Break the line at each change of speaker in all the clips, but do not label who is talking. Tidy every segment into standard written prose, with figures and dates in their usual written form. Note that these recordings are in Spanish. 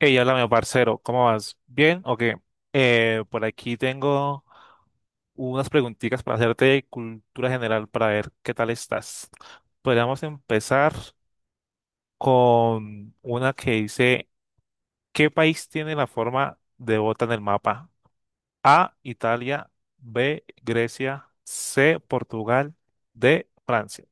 Hey, háblame, parcero, ¿cómo vas? ¿Bien o qué? Por aquí tengo unas preguntitas para hacerte de cultura general para ver qué tal estás. Podríamos empezar con una que dice, ¿qué país tiene la forma de bota en el mapa? A, Italia, B, Grecia, C, Portugal, D, Francia.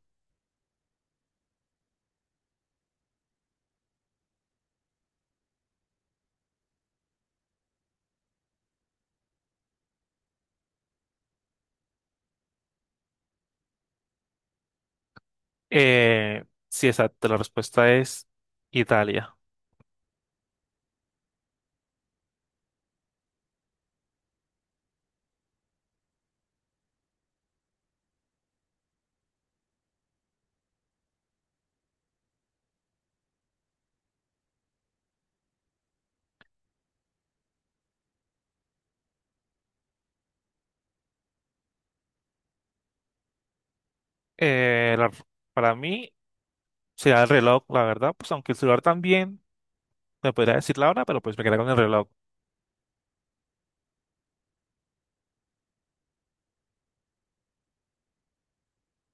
Sí, exacto, la respuesta es Italia. Eh, la- para mí será el reloj, la verdad, pues aunque el celular también me podría decir la hora, pero pues me quedé con el reloj.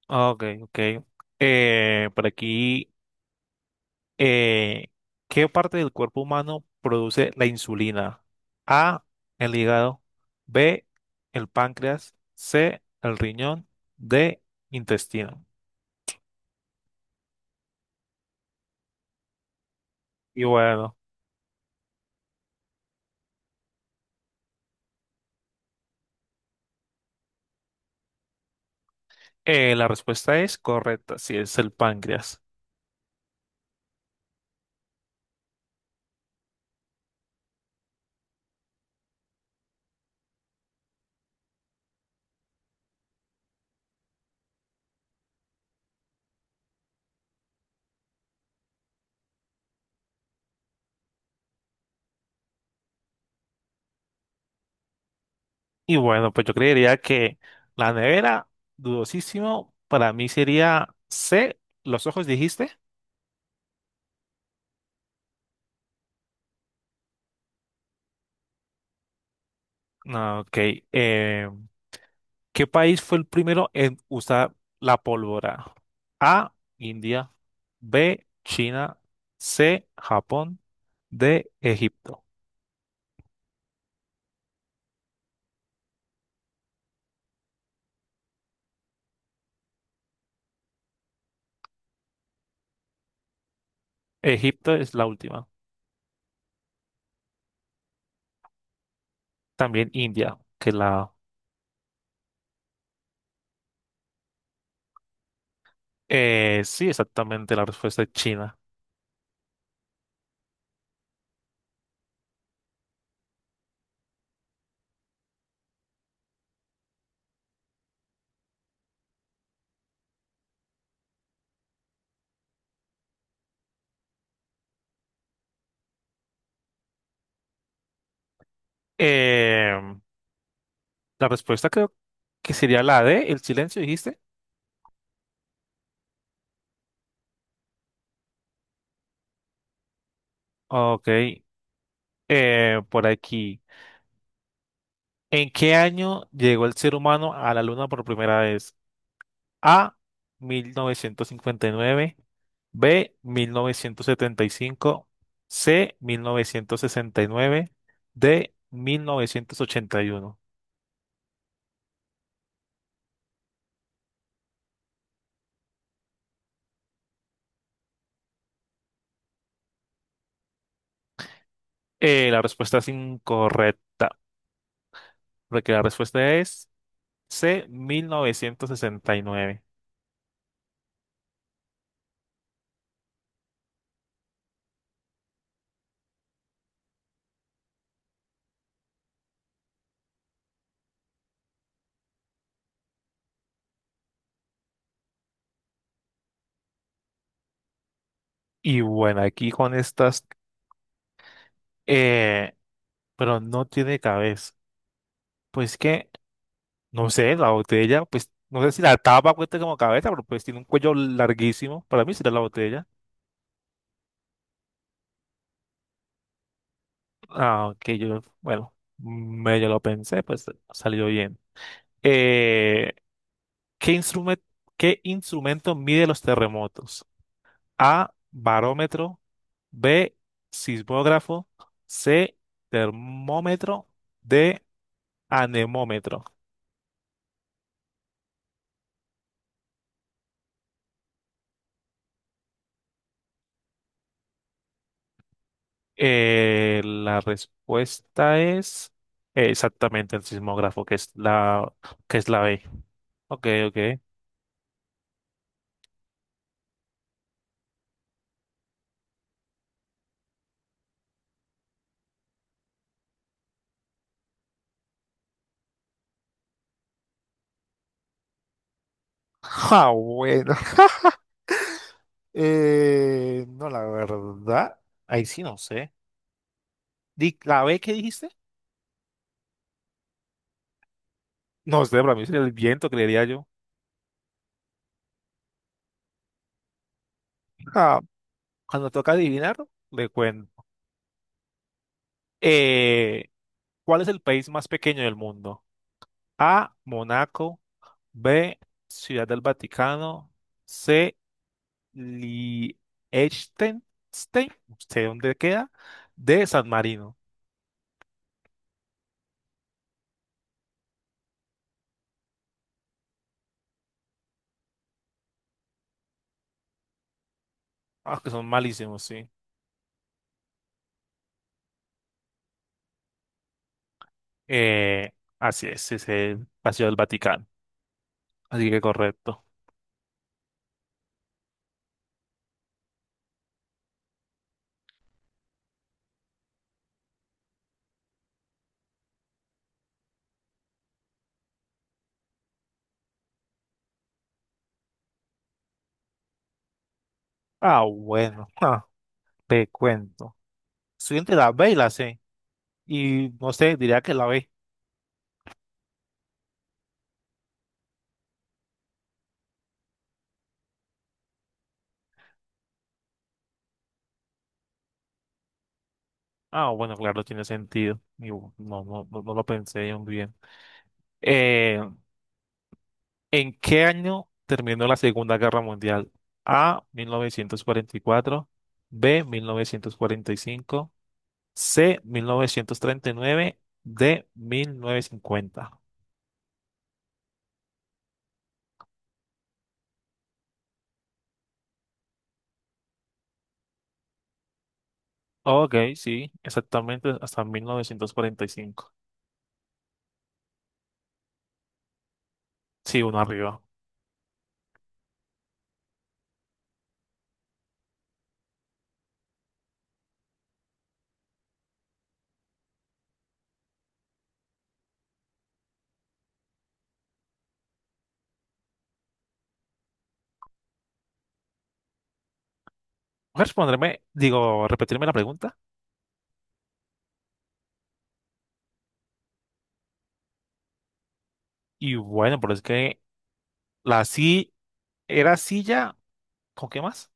Ah, ok, ok. Por aquí, eh, ¿qué parte del cuerpo humano produce la insulina? A, el hígado, B, el páncreas, C, el riñón, D, intestino. Y bueno, la respuesta es correcta, si es el páncreas. Y bueno, pues yo creería que la nevera, dudosísimo, para mí sería C, los ojos dijiste. No, ok. eh, ¿Qué país fue el primero en usar la pólvora? A, India, B, China, C, Japón, D, Egipto. Egipto es la última. También India, que la. Sí, exactamente, la respuesta es China. Eh, la respuesta creo que sería la D, el silencio dijiste. Ok. Por aquí. ¿En qué año llegó el ser humano a la Luna por primera vez? A, 1959, B, 1975, C, 1969, D, 1981. La respuesta es incorrecta, porque la respuesta es C, 1969. Y nueve. Y bueno, aquí con estas, eh, pero no tiene cabeza. Pues que no sé, la botella, pues, no sé si la tapa cuesta como cabeza, pero pues tiene un cuello larguísimo. Para mí será la botella. Ah, que yo, bueno, medio lo pensé, pues salió bien. Eh, ¿Qué instrumento, qué instrumento mide los terremotos? A, barómetro, B, sismógrafo, C, termómetro, D, anemómetro. La respuesta es exactamente el sismógrafo, que es la B. Ok, ok. Ah, bueno. No, la verdad. Ahí sí no sé. ¿La B qué dijiste? No sé, para mí sería el viento, creería yo. Ah, cuando toca adivinar, le cuento. Eh, ¿Cuál es el país más pequeño del mundo? A, Monaco. B, Ciudad del Vaticano. C. Liechtenstein, no sé dónde queda, de San Marino. Ah, que son malísimos, sí. Eh, Así es el Paseo del Vaticano. Así que correcto. Ah, bueno, ah, te cuento. Estoy entre la B y la C. Y no sé, diría que la B. Ah, bueno, claro, tiene sentido. Y no, no, no, no lo pensé muy bien. Eh, ¿En qué año terminó la Segunda Guerra Mundial? A, 1944, B, 1945, C, 1939, D, 1950. Ok, sí, exactamente hasta 1945. Sí, uno arriba. Voy responderme, digo, repetirme la pregunta. Y bueno, pero es que la sí era silla, ¿con qué más?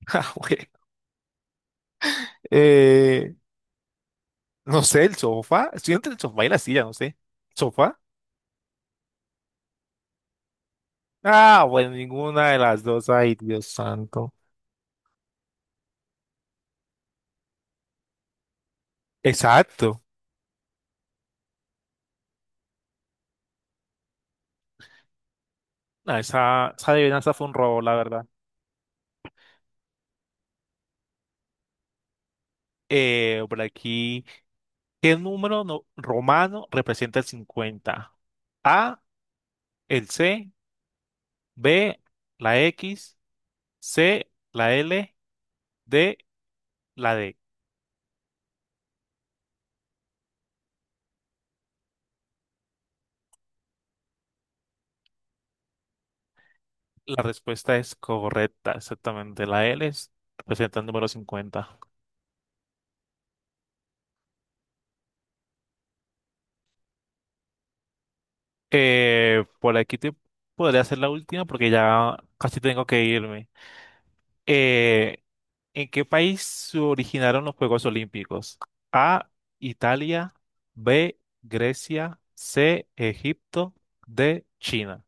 Ah, güey. Eh, no sé, el sofá. Estoy entre el sofá y la silla, no sé. Sofá. Ah, bueno, ninguna de las dos. Ay, Dios santo. Exacto. Ah, esa adivinanza fue un robo, la verdad. Por aquí, ¿qué número romano representa el 50? A, el C, B, la X, C, la L, D, D. La respuesta es correcta, exactamente. La L es- representa el número 50. Por aquí te podría hacer la última porque ya casi tengo que irme. Eh, ¿En qué país se originaron los Juegos Olímpicos? A, Italia, B, Grecia, C, Egipto, D, China.